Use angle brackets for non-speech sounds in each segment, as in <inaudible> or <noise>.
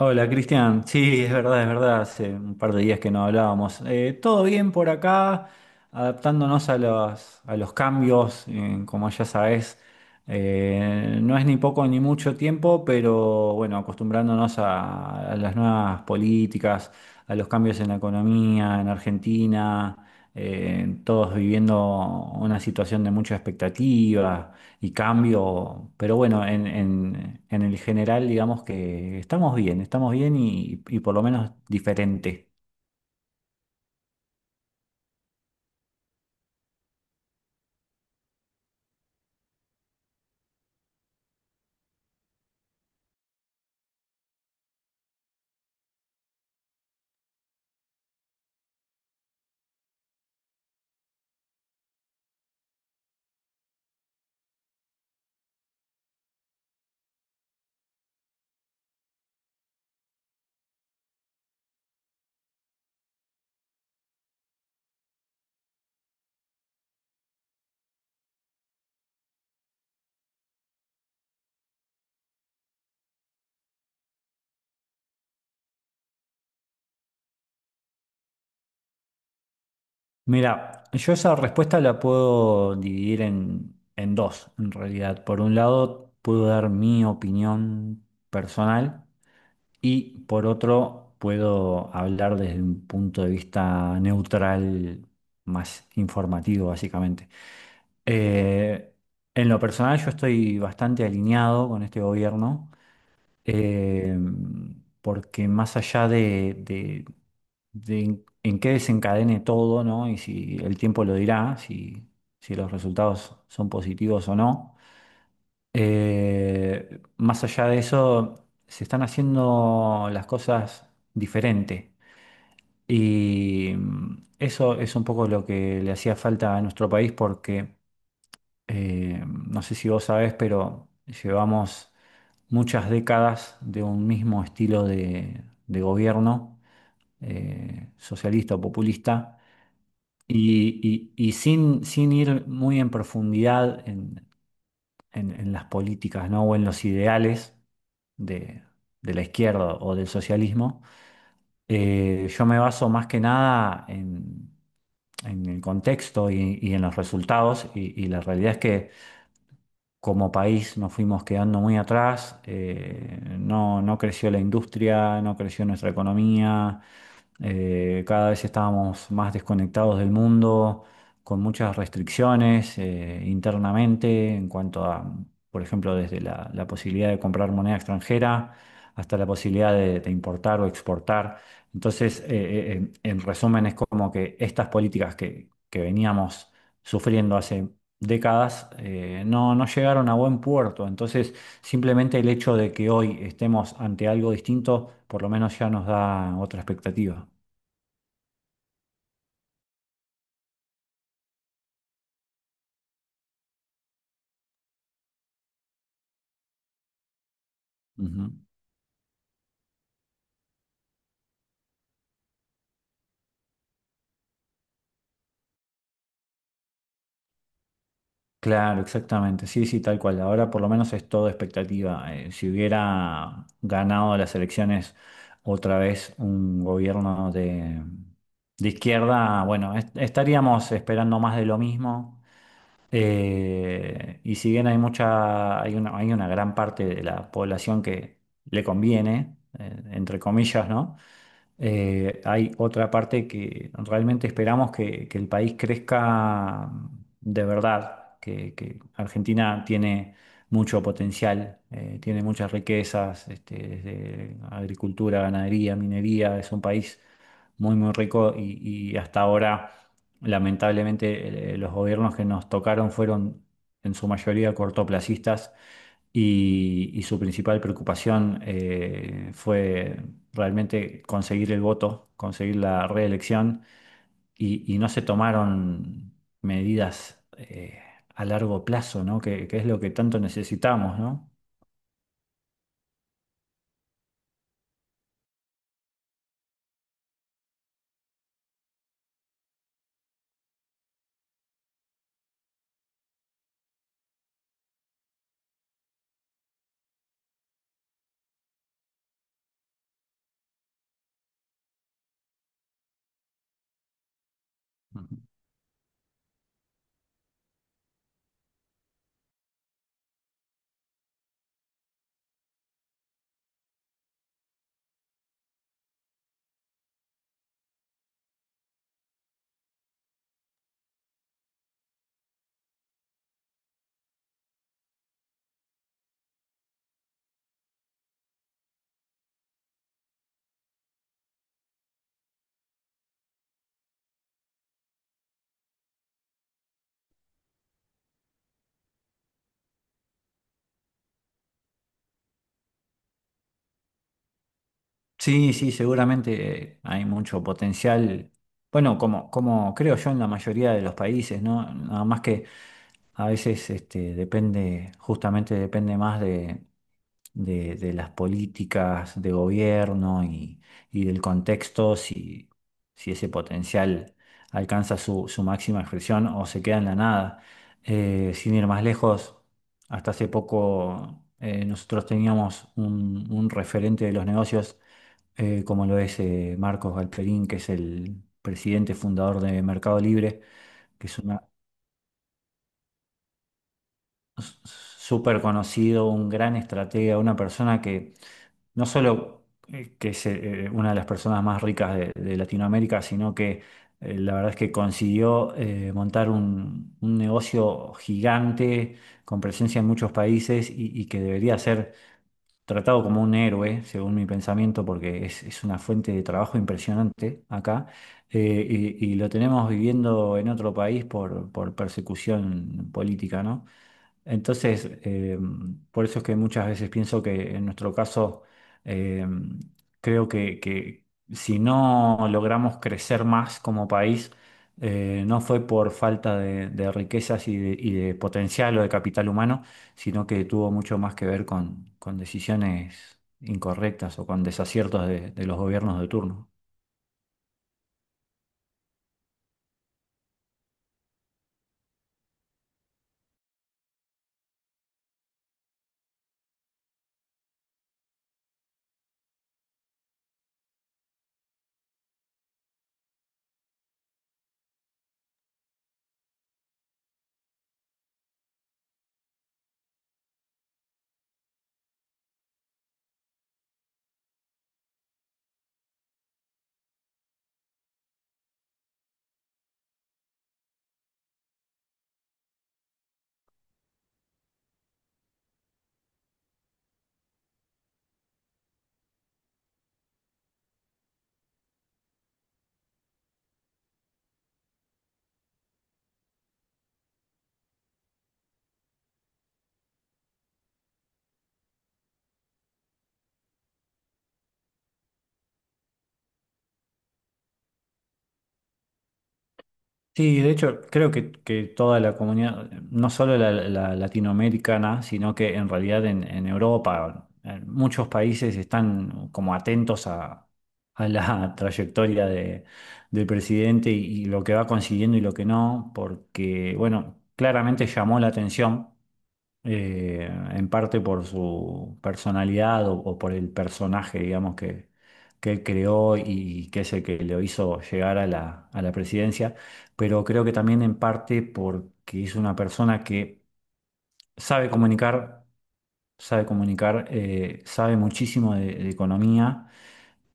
Hola Cristian, sí, es verdad, hace un par de días que no hablábamos. Todo bien por acá, adaptándonos a a los cambios, como ya sabes, no es ni poco ni mucho tiempo, pero bueno, acostumbrándonos a las nuevas políticas, a los cambios en la economía, en Argentina, todos viviendo una situación de mucha expectativa y cambio, pero bueno, en el general digamos que estamos bien, estamos bien y por lo menos diferente. Mira, yo esa respuesta la puedo dividir en dos, en realidad. Por un lado, puedo dar mi opinión personal. Y por otro, puedo hablar desde un punto de vista neutral, más informativo, básicamente. Eh, en lo personal, yo estoy bastante alineado con este gobierno, eh, porque más allá de en qué desencadene todo, ¿no? Y si el tiempo lo dirá, si los resultados son positivos o no. Más allá de eso, se están haciendo las cosas diferente. Y eso es un poco lo que le hacía falta a nuestro país porque, no sé si vos sabés, pero llevamos muchas décadas de un mismo estilo de gobierno, socialista o populista. Y sin ir muy en profundidad en las políticas, ¿no? O en los ideales de, de la izquierda o del socialismo. Yo me baso más que nada en el contexto y en los resultados y la realidad es que como país nos fuimos quedando muy atrás, no creció la industria, no creció nuestra economía, cada vez estábamos más desconectados del mundo, con muchas restricciones internamente en cuanto a, por ejemplo, desde la posibilidad de comprar moneda extranjera hasta la posibilidad de importar o exportar. Entonces, en resumen, es como que estas políticas que veníamos sufriendo hace décadas no llegaron a buen puerto. Entonces, simplemente el hecho de que hoy estemos ante algo distinto, por lo menos ya nos da otra expectativa. Ujú. Claro, exactamente. Sí, sí, tal cual. Ahora por lo menos es todo expectativa. Si hubiera ganado las elecciones otra vez un gobierno de izquierda, bueno, estaríamos esperando más de lo mismo. Y si bien hay hay una gran parte de la población que le conviene, entre comillas, ¿no? Hay otra parte que realmente esperamos que el país crezca de verdad, que Argentina tiene mucho potencial, tiene muchas riquezas, este, desde agricultura, ganadería, minería, es un país muy, muy rico y hasta ahora, lamentablemente, los gobiernos que nos tocaron fueron en su mayoría cortoplacistas y su principal preocupación fue realmente conseguir el voto, conseguir la reelección y no se tomaron medidas a largo plazo, ¿no? Que es lo que tanto necesitamos, ¿no? Ujú. Sí, sí, seguramente hay mucho potencial. Bueno, como creo yo en la mayoría de los países, ¿no? Nada más que a veces este, depende, justamente depende más de las políticas de gobierno y del contexto, si, si ese potencial alcanza su máxima expresión o se queda en la nada. Sin ir más lejos, hasta hace poco nosotros teníamos un referente de los negocios, como lo es Marcos Galperín, que es el presidente fundador de Mercado Libre, que es una... s- súper conocido, un gran estratega, una persona que no solo que es una de las personas más ricas de Latinoamérica, sino que la verdad es que consiguió montar un negocio gigante con presencia en muchos países y que debería ser tratado como un héroe, según mi pensamiento, porque es una fuente de trabajo impresionante acá. eh, y lo tenemos viviendo en otro país por persecución política, ¿no? Entonces, por eso es que muchas veces pienso que en nuestro caso, eh, que si no logramos crecer más como país, no fue por falta de riquezas y y de potencial o de capital humano, sino que tuvo mucho más que ver con decisiones incorrectas o con desaciertos de los gobiernos de turno. Sí, de hecho, creo que toda la comunidad, no solo la latinoamericana, sino que en realidad en Europa, en muchos países están como atentos a la <laughs> trayectoria de, del presidente y lo que va consiguiendo y lo que no, porque, bueno, claramente llamó la atención en parte por su personalidad o por el personaje, digamos, que él creó y que es el que lo hizo llegar a a la presidencia, pero creo que también en parte porque es una persona que sabe comunicar, sabe comunicar, sabe muchísimo de economía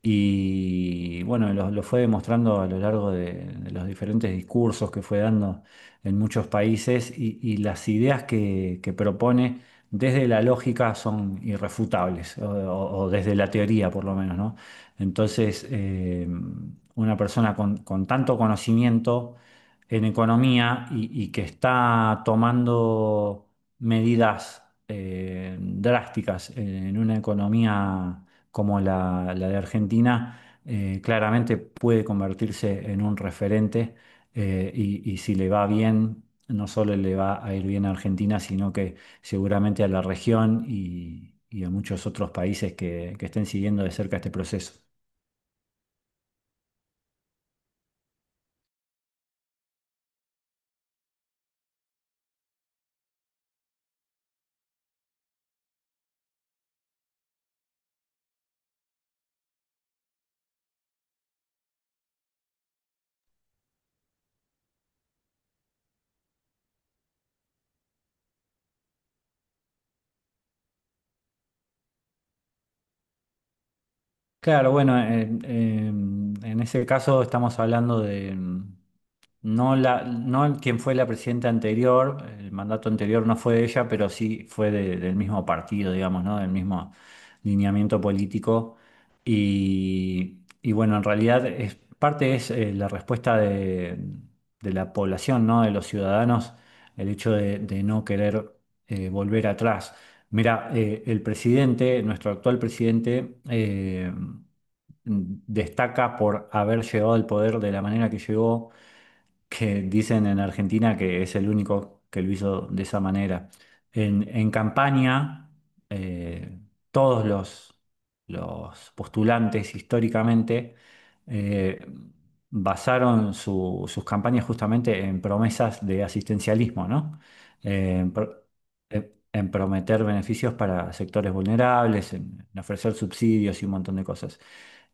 y bueno, lo fue demostrando a lo largo de los diferentes discursos que fue dando en muchos países y las ideas que propone desde la lógica son irrefutables, o desde la teoría por lo menos, ¿no? Entonces, una persona con tanto conocimiento en economía y que está tomando medidas drásticas en una economía como la de Argentina, claramente puede convertirse en un referente y si le va bien, no solo le va a ir bien a Argentina, sino que seguramente a la región y a muchos otros países que estén siguiendo de cerca este proceso. Claro, bueno, en ese caso estamos hablando de... No la, no quien fue la presidenta anterior, el mandato anterior no fue de ella, pero sí fue del mismo partido, digamos, ¿no? Del mismo lineamiento político. Y bueno, en realidad es, parte es la respuesta de la población, ¿no? De los ciudadanos, el hecho de no querer volver atrás. Mira, el presidente, nuestro actual presidente, destaca por haber llegado al poder de la manera que llegó, que dicen en Argentina que es el único que lo hizo de esa manera. En campaña, eh, todos los postulantes históricamente eh, basaron sus campañas justamente en promesas de asistencialismo, ¿no? Eh, en, pro- en prometer beneficios para sectores vulnerables, en ofrecer subsidios y un montón de cosas.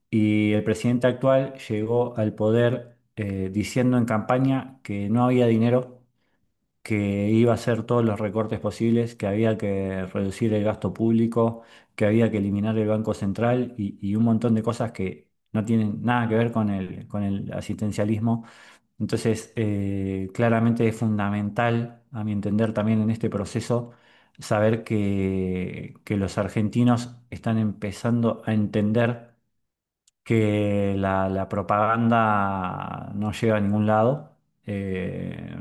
Y el presidente actual llegó al poder diciendo en campaña que no había dinero, que iba a hacer todos los recortes posibles, que había que reducir el gasto público, que había que eliminar el Banco Central y un montón de cosas que no tienen nada que ver con con el asistencialismo. Entonces, claramente es fundamental, a mi entender, también en este proceso, saber que los argentinos están empezando a entender que la propaganda no llega a ningún lado eh,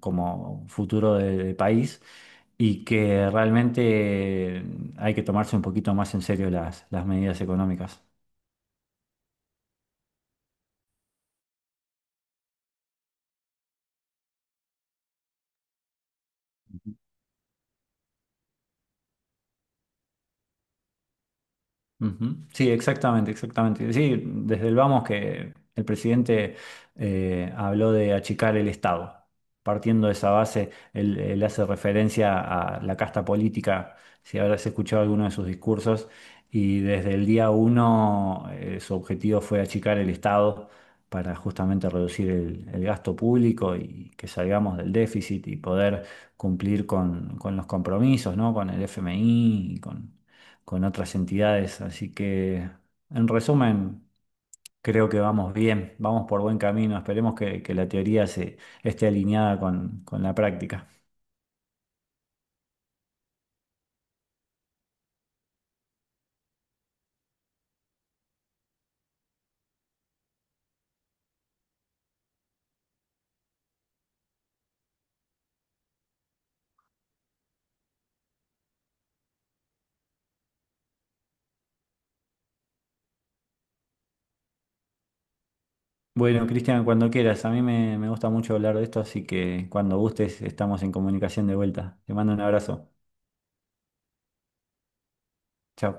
como futuro del país y que realmente hay que tomarse un poquito más en serio las medidas económicas. Ujú. Sí, exactamente, exactamente. Sí, desde el vamos que el presidente habló de achicar el Estado. Partiendo de esa base, él hace referencia a la casta política, si habrás escuchado alguno de sus discursos, y desde el día uno su objetivo fue achicar el Estado para justamente reducir el gasto público y que salgamos del déficit y poder cumplir con los compromisos, ¿no? Con el FMI y con otras entidades. Así que, en resumen, creo que vamos bien, vamos por buen camino. Esperemos que la teoría se esté alineada con la práctica. Bueno, Cristian, cuando quieras, a mí me gusta mucho hablar de esto, así que cuando gustes estamos en comunicación de vuelta. Te mando un abrazo. Chao.